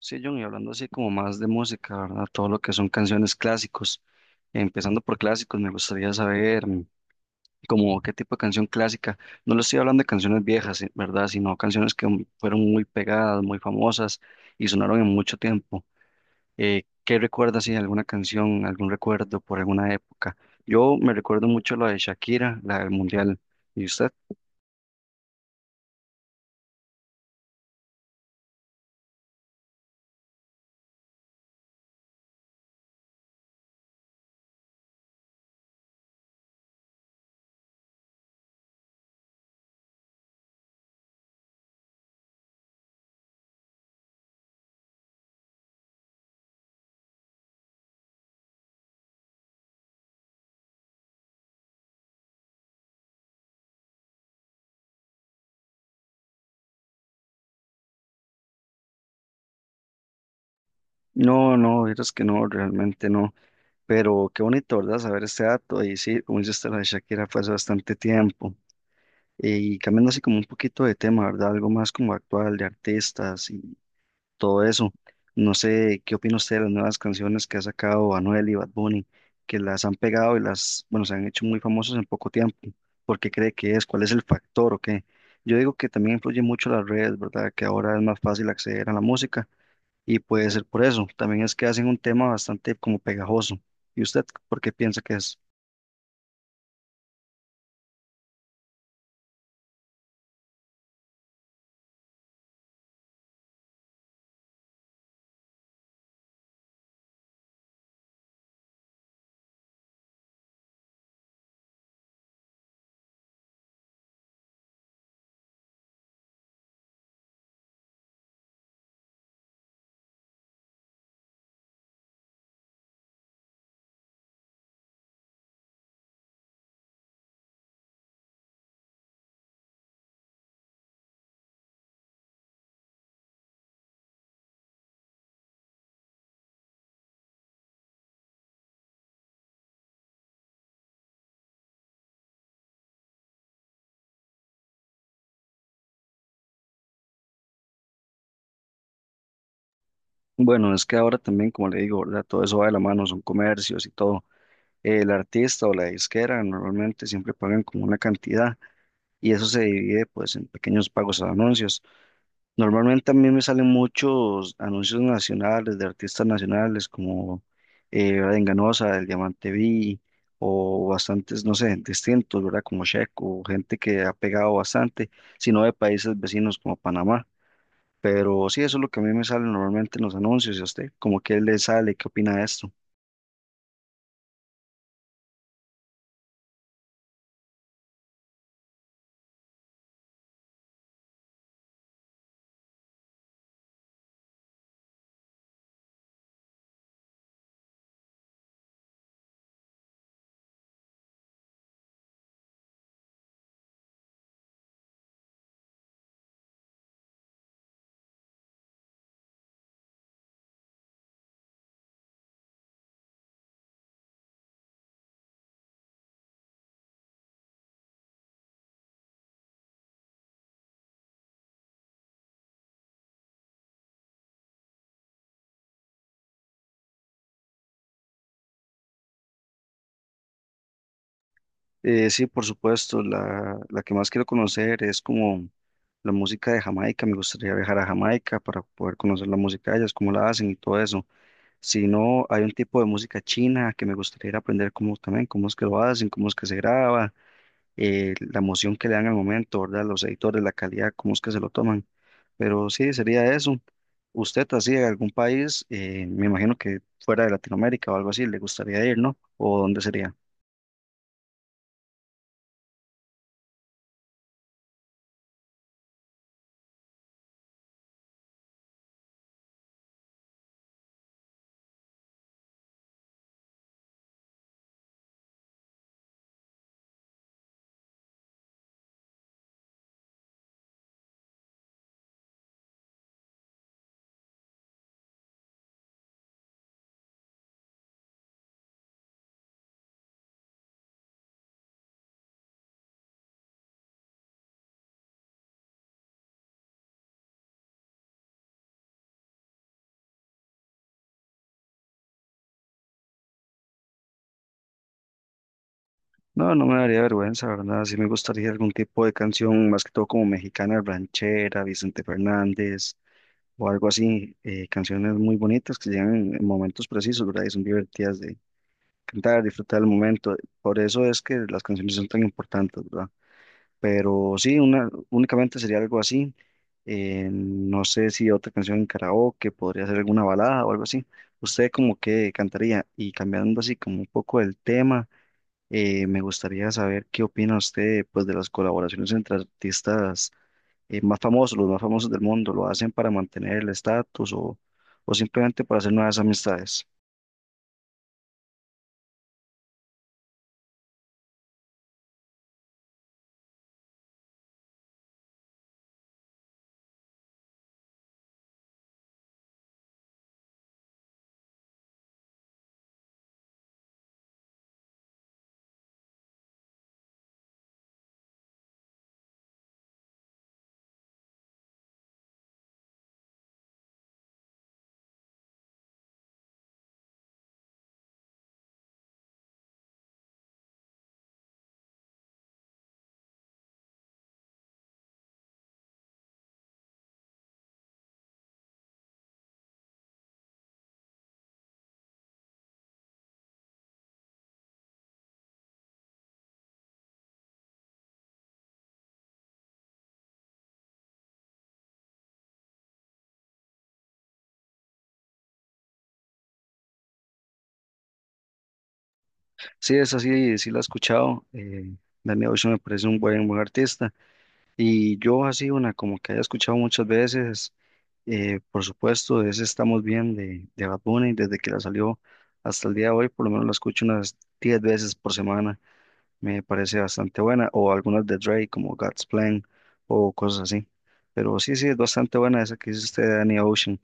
Sí, John, y hablando así como más de música, ¿verdad? Todo lo que son canciones clásicos. Empezando por clásicos, me gustaría saber como qué tipo de canción clásica. No le estoy hablando de canciones viejas, ¿verdad? Sino canciones que fueron muy pegadas, muy famosas y sonaron en mucho tiempo. ¿Qué recuerdas si alguna canción, algún recuerdo por alguna época? Yo me recuerdo mucho la de Shakira, la del Mundial. ¿Y usted? No, no, es que no, realmente no. Pero qué bonito, ¿verdad? Saber este dato. Y sí, como dice usted, lo de Shakira fue hace bastante tiempo. Y cambiando así como un poquito de tema, ¿verdad? Algo más como actual, de artistas y todo eso. No sé, ¿qué opina usted de las nuevas canciones que ha sacado Anuel y Bad Bunny, que las han pegado y las, bueno, se han hecho muy famosos en poco tiempo? ¿Por qué cree que es? ¿Cuál es el factor o qué? Yo digo que también influye mucho las redes, ¿verdad? Que ahora es más fácil acceder a la música y puede ser por eso. También es que hacen un tema bastante como pegajoso. ¿Y usted por qué piensa que es? Bueno, es que ahora también, como le digo, ¿verdad? Todo eso va de la mano, son comercios y todo. El artista o la disquera normalmente siempre pagan como una cantidad y eso se divide pues en pequeños pagos a anuncios. Normalmente a mí me salen muchos anuncios nacionales de artistas nacionales como ¿verdad? Enganosa, El Diamante Vi, o bastantes, no sé, distintos, ¿verdad? Como Checo, gente que ha pegado bastante, sino de países vecinos como Panamá. Pero sí, eso es lo que a mí me sale normalmente en los anuncios. ¿Y a usted? ¿Cómo que le sale? ¿Qué opina de esto? Sí, por supuesto, la que más quiero conocer es como la música de Jamaica. Me gustaría viajar a Jamaica para poder conocer la música de ellas, cómo la hacen y todo eso. Si no, hay un tipo de música china que me gustaría ir a aprender cómo también, cómo es que lo hacen, cómo es que se graba, la emoción que le dan al momento, ¿verdad? Los editores, la calidad, cómo es que se lo toman. Pero sí, sería eso. Usted así de algún país, me imagino que fuera de Latinoamérica o algo así, le gustaría ir, ¿no? ¿O dónde sería? No, no me daría vergüenza, ¿verdad? Sí me gustaría algún tipo de canción, más que todo como mexicana, ranchera, Vicente Fernández o algo así, canciones muy bonitas que llegan en momentos precisos, ¿verdad? Y son divertidas de cantar, disfrutar el momento. Por eso es que las canciones son tan importantes, ¿verdad? Pero sí, una, únicamente sería algo así. No sé si otra canción en karaoke, podría ser alguna balada o algo así. ¿Usted como que cantaría? Y cambiando así como un poco el tema, me gustaría saber qué opina usted pues de las colaboraciones entre artistas más famosos, los más famosos del mundo. ¿Lo hacen para mantener el estatus o simplemente para hacer nuevas amistades? Sí, esa sí, sí la he escuchado. Danny Ocean me parece un buen artista. Y yo así una como que haya escuchado muchas veces, por supuesto, es Estamos Bien de Bad Bunny, desde que la salió hasta el día de hoy, por lo menos la escucho unas 10 veces por semana, me parece bastante buena, o algunas de Drake como God's Plan o cosas así. Pero sí, sí, es bastante buena esa que dice usted de Danny Ocean.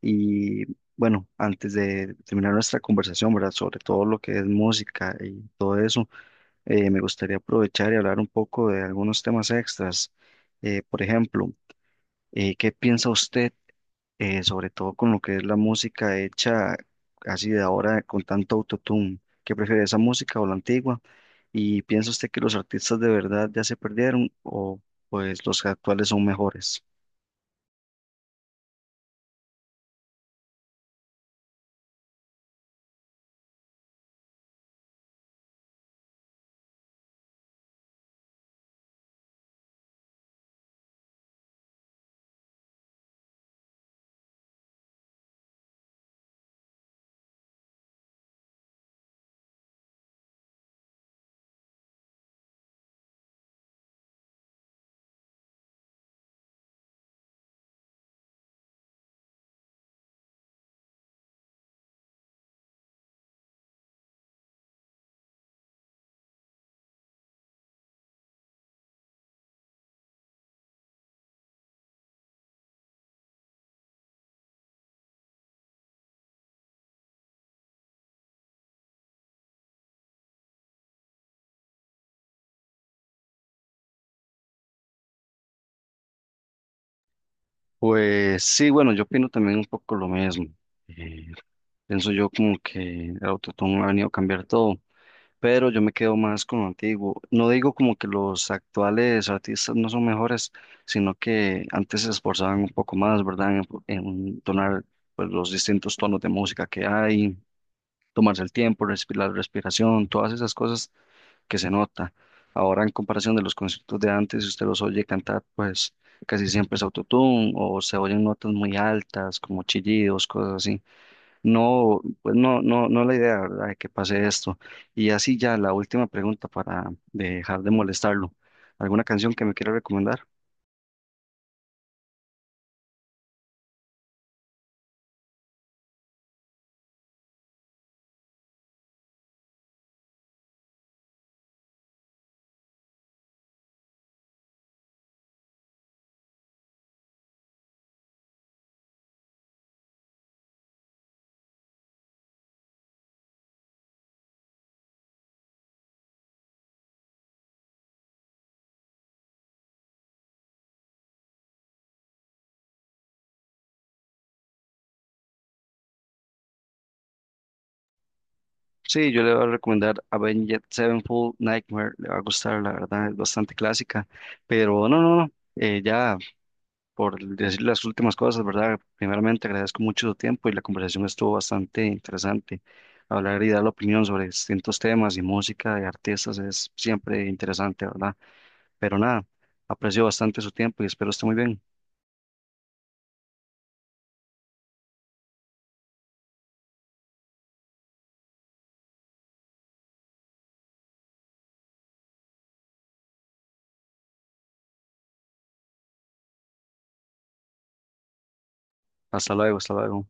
Y bueno, antes de terminar nuestra conversación, ¿verdad? Sobre todo lo que es música y todo eso, me gustaría aprovechar y hablar un poco de algunos temas extras. Por ejemplo, ¿qué piensa usted, sobre todo con lo que es la música hecha así de ahora con tanto autotune? ¿Qué prefiere esa música o la antigua? ¿Y piensa usted que los artistas de verdad ya se perdieron o pues los actuales son mejores? Pues sí, bueno, yo opino también un poco lo mismo. Eh, Pienso yo como que el autotune ha venido a cambiar todo. Pero yo me quedo más con lo antiguo. No digo como que los actuales artistas no son mejores, sino que antes se esforzaban un poco más, ¿verdad? En tonar pues, los distintos tonos de música que hay, tomarse el tiempo, respirar, la respiración, todas esas cosas que se nota. Ahora, en comparación de los conciertos de antes, si usted los oye cantar, pues casi siempre es autotune o se oyen notas muy altas, como chillidos, cosas así. No, pues no, no, no es la idea, ¿verdad? De que pase esto. Y así ya la última pregunta para dejar de molestarlo. ¿Alguna canción que me quiera recomendar? Sí, yo le voy a recomendar Avenged Sevenfold Nightmare, le va a gustar, la verdad, es bastante clásica, pero no, no, no, ya por decir las últimas cosas, ¿verdad? Primeramente agradezco mucho su tiempo y la conversación estuvo bastante interesante. Hablar y dar la opinión sobre distintos temas y música de artistas es siempre interesante, ¿verdad? Pero nada, aprecio bastante su tiempo y espero esté muy bien. Hasta luego, hasta luego.